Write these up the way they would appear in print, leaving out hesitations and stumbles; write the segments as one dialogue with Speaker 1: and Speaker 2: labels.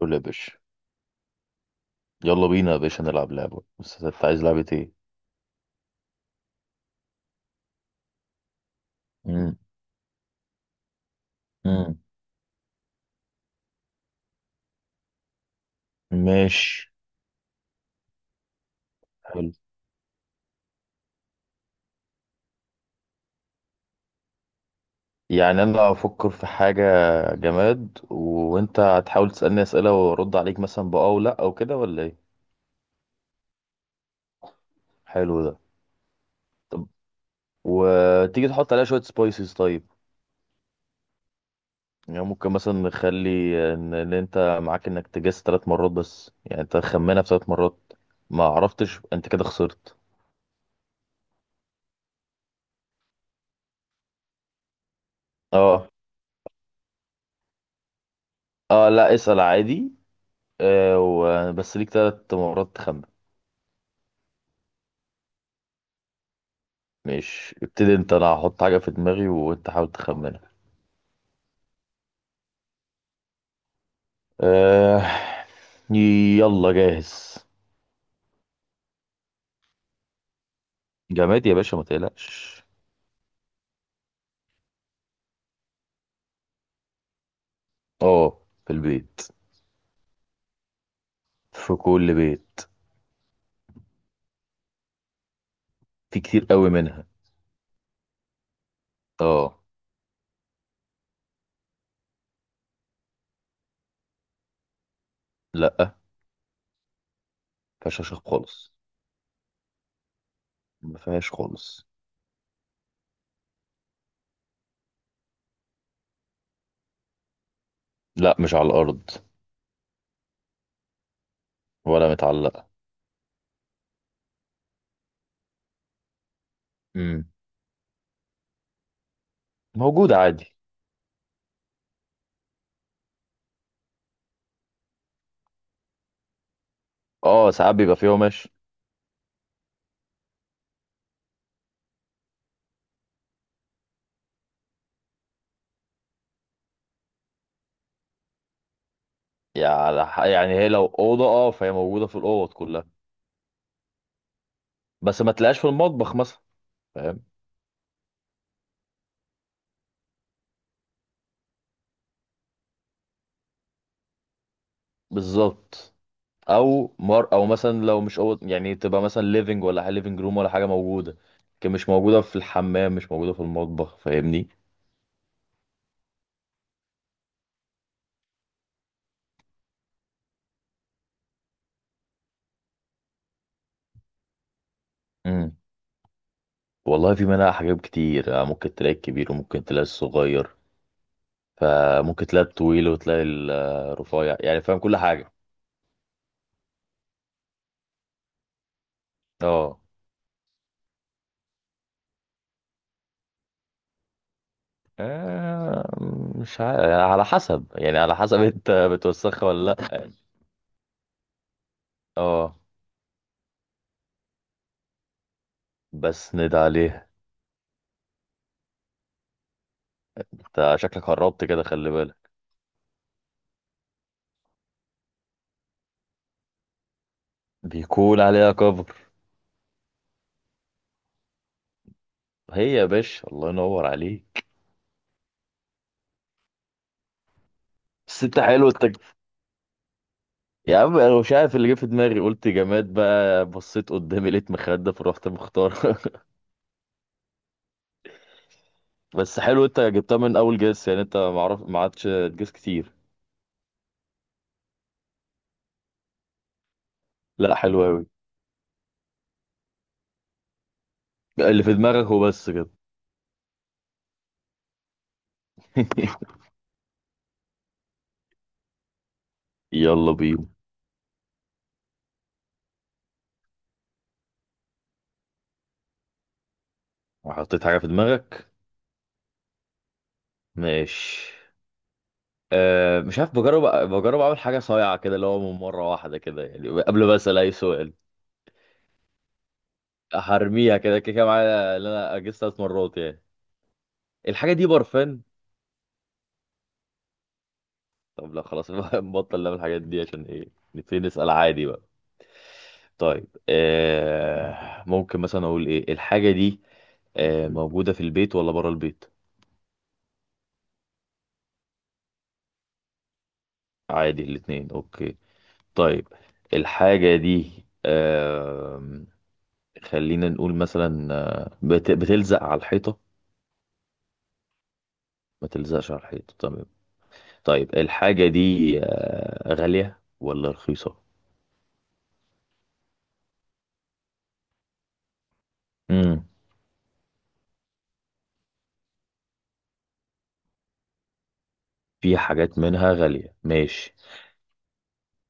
Speaker 1: قول يا باشا. يلا بينا يا باشا نلعب لعبة، بس انت عايز لعبة ايه؟ مم. مم. ماشي. حلو، يعني انا هفكر في حاجة جماد، وانت هتحاول تسألني اسئلة وارد عليك مثلا بأه او لا او كده، ولا ايه؟ حلو ده. طب وتيجي تحط عليها شوية سبايسز؟ طيب، يعني ممكن مثلا نخلي ان انت معاك انك تجس 3 مرات، بس يعني انت خمنها في 3 مرات، ما عرفتش انت كده خسرت. اه. اه لا، اسأل عادي. بس ليك 3 مرات تخمن. ماشي، ابتدي انت، انا هحط حاجة في دماغي وانت حاول تخمنها. أه... يلا جاهز. جماد يا باشا، ما تقلقش. اه، في البيت، في كل بيت، في كتير قوي منها. اه. لا، ما فيهاش خشب خالص، ما فيهاش خالص. لا، مش على الارض، ولا متعلقة. امم، موجودة عادي. اه، ساعات بيبقى فيها قماش. يعني يعني هي لو اوضه، اه، فهي موجوده في الاوض كلها، بس ما تلاقيهاش في المطبخ مثلا، فاهم. بالظبط. او مر، او مثلا لو مش أوض يعني تبقى مثلا ليفنج ولا حاجه، ليفنج روم ولا حاجه، موجوده، لكن مش موجوده في الحمام، مش موجوده في المطبخ، فاهمني. امم. والله، في منها حاجات كتير، ممكن تلاقي الكبير وممكن تلاقي الصغير، فممكن تلاقي الطويل وتلاقي الرفيع، يعني فاهم كل حاجه. اه. آه، مش عارف، على حسب يعني، على حسب انت بتوسخها ولا لا. اه. بس ند عليها. انت شكلك قربت كده، خلي بالك. بيكون عليها كفر. هي يا باشا، الله ينور عليك. بس انت حلو، انت. يا عم انا مش عارف اللي جه في دماغي، قلت جماد، بقى بصيت قدامي لقيت مخدة، فرحت مختار بس حلو، انت جبتها من اول جس يعني، انت معرف ما عادش تجس كتير. لا، حلو قوي. اللي في دماغك هو بس كده. يلا بينا. حطيت حاجة في دماغك. ماشي. أه، مش عارف، بجرب. بجرب اعمل حاجة صايعة كده، اللي هو من مرة واحدة كده يعني، قبل ما اسأل اي سؤال. هرميها كده كده كده معايا، اللي انا اجس 3 مرات يعني. الحاجة دي برفان؟ طب لا، خلاص، نبطل نعمل الحاجات دي عشان ايه، نبتدي نسأل عادي بقى. طيب، آه، ممكن مثلا اقول ايه الحاجة دي، موجودة في البيت ولا برا البيت؟ عادي الاتنين، اوكي. طيب الحاجة دي، آه خلينا نقول مثلا، آه، بت بتلزق على الحيطة؟ ما تلزقش على الحيطة، تمام. طيب الحاجة دي، غالية ولا رخيصة؟ امم. في حاجات منها غالية، ماشي.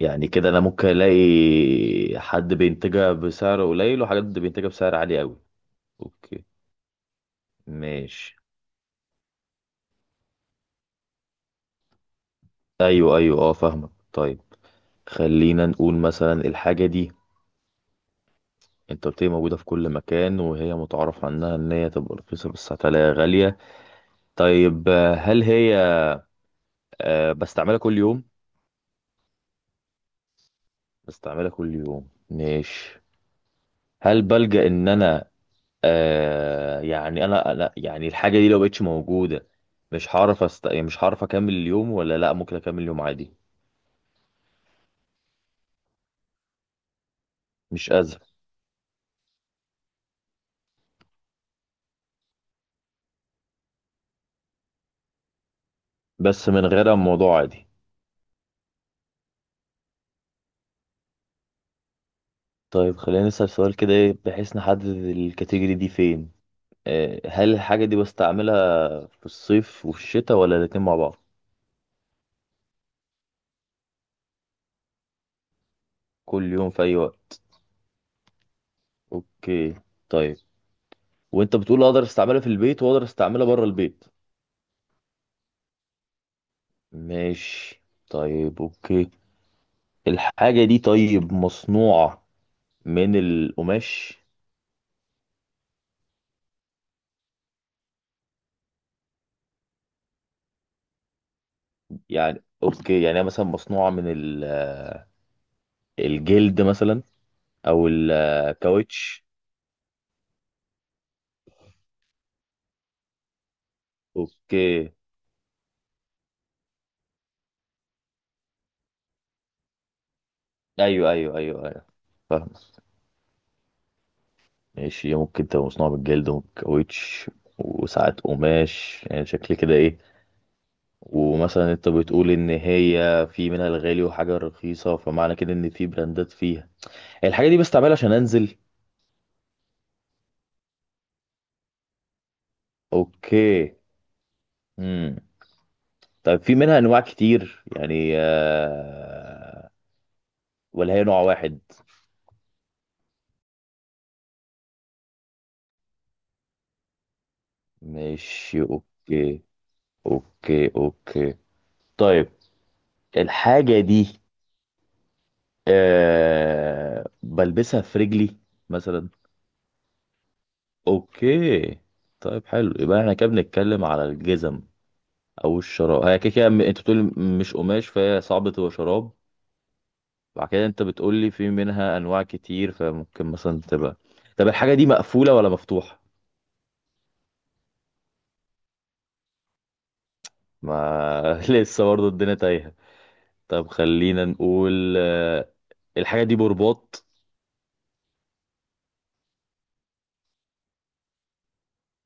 Speaker 1: يعني كده انا ممكن الاقي حد بينتجها بسعر قليل وحاجات بينتجها بسعر عالي قوي، اوكي. ماشي. ايوه ايوه اه، فاهمك. طيب خلينا نقول مثلا الحاجه دي، انت قلت لي موجوده في كل مكان، وهي متعارف عنها ان هي تبقى رخيصه، بس هتلاقيها غاليه. طيب، هل هي، بستعملها كل يوم؟ بستعملها كل يوم، ماشي. هل بلجأ ان انا، يعني انا يعني الحاجه دي لو بقتش موجوده، مش هعرف يعني مش هعرف اكمل اليوم ولا لا، ممكن اكمل اليوم عادي؟ مش ازمه، بس من غيرها الموضوع عادي. طيب خلينا نسال سؤال كده إيه، بحيث نحدد الكاتيجوري دي فين. آه، هل الحاجه دي بستعملها في الصيف وفي الشتاء ولا الاتنين مع بعض؟ كل يوم في اي وقت، اوكي. طيب وانت بتقول اقدر استعملها في البيت واقدر استعملها بره البيت، ماشي. طيب اوكي، الحاجه دي طيب مصنوعه من القماش؟ يعني اوكي، يعني هي مثلا مصنوعة من الجلد مثلا، او الكاوتش؟ اوكي. ايوه ايوه ايوه ايوه، فاهم. ماشي، هي ممكن تبقى مصنوعة من الجلد والكاوتش وساعات قماش، يعني شكل كده ايه. ومثلا انت بتقول ان هي في منها الغالي وحاجة رخيصة، فمعنى كده ان في براندات فيها. الحاجة دي بستعملها عشان انزل. اوكي. امم. طيب في منها انواع كتير يعني، ولا هي نوع واحد؟ ماشي، اوكي اوكي اوكي. طيب الحاجة دي، آه، بلبسها في رجلي مثلا. اوكي. طيب حلو، يبقى احنا كده بنتكلم على الجزم او الشراب. هي كده كده، انت بتقولي مش قماش، فهي صعب تبقى شراب. بعد كده انت بتقولي في منها انواع كتير، فممكن مثلا تبقى. طب الحاجة دي مقفولة ولا مفتوحة؟ ما لسه برضه الدنيا تايهة. طب خلينا نقول، الحاجة دي برباط؟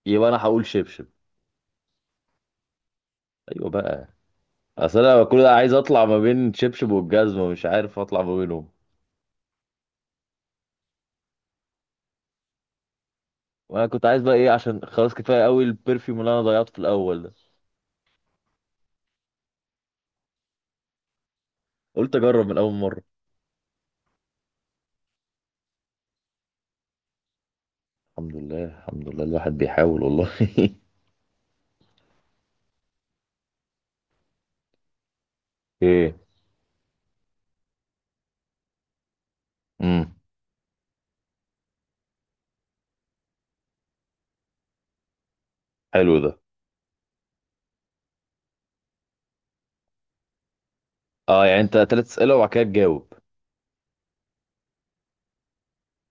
Speaker 1: يبقى انا هقول شبشب. ايوه بقى. اصل انا كل ده عايز اطلع ما بين شبشب والجزمه، مش عارف اطلع ما بينهم. وانا كنت عايز بقى ايه، عشان خلاص كفايه قوي البرفيوم اللي انا ضيعته في الاول ده. قلت اجرب من اول مره. الحمد لله الحمد لله، الواحد بيحاول والله ايه. امم. حلو ده. اه، يعني انت تلات اسئله وبعد كده تجاوب.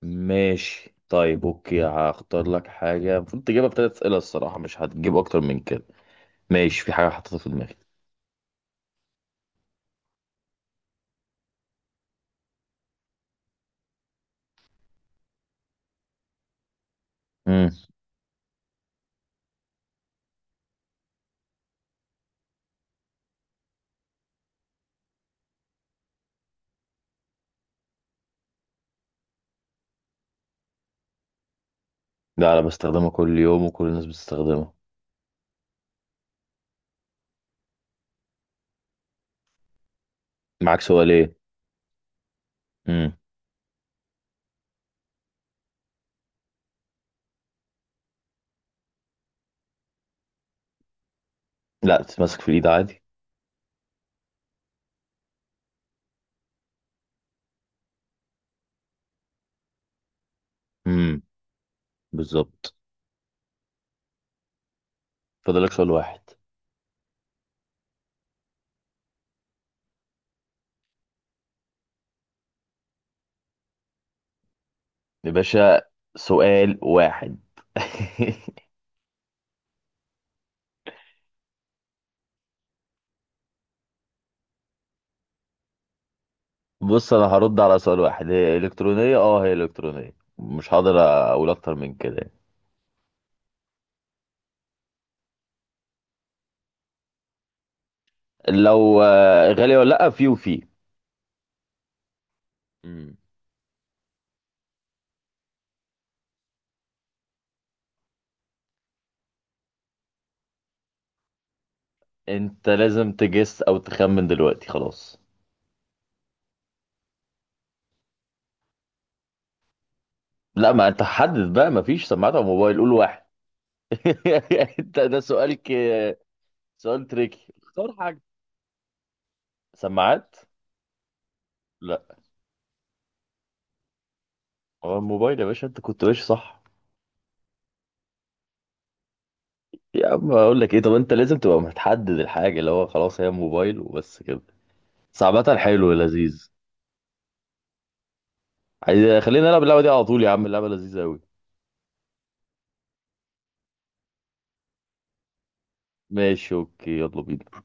Speaker 1: ماشي طيب اوكي، هختار لك حاجه المفروض تجيبها في تلات اسئله الصراحه، مش هتجيب اكتر من كده. ماشي، في حاجه حطيتها في دماغي. امم. لا، انا بستخدمها كل يوم وكل الناس بتستخدمها. معاك سؤال ايه؟ امم. لا، تتمسك في الايد عادي. امم، بالظبط. فاضلك سؤال واحد. يا باشا، سؤال واحد بص، انا هرد على سؤال واحد، هي الكترونيه، اه هي الكترونيه، مش هقدر اقول اكتر من كده يعني. لو غاليه ولا لا، في وفي. مم. انت لازم تجس او تخمن دلوقتي، خلاص. لا، ما انت حدد بقى، ما فيش سماعات على موبايل، قول واحد. انت ده سؤالك، سؤال تريكي، اختار حاجه. سماعات. لا. هو الموبايل يا باشا، انت كنت ماشي صح. يا عم اقول لك ايه، طب انت لازم تبقى متحدد الحاجه اللي هو، خلاص هي موبايل وبس كده. صعبة، حلو، لذيذ. عايز خلينا نلعب اللعبه دي على طول يا عم، اللعبه لذيذه قوي. ماشي اوكي، يلا بينا.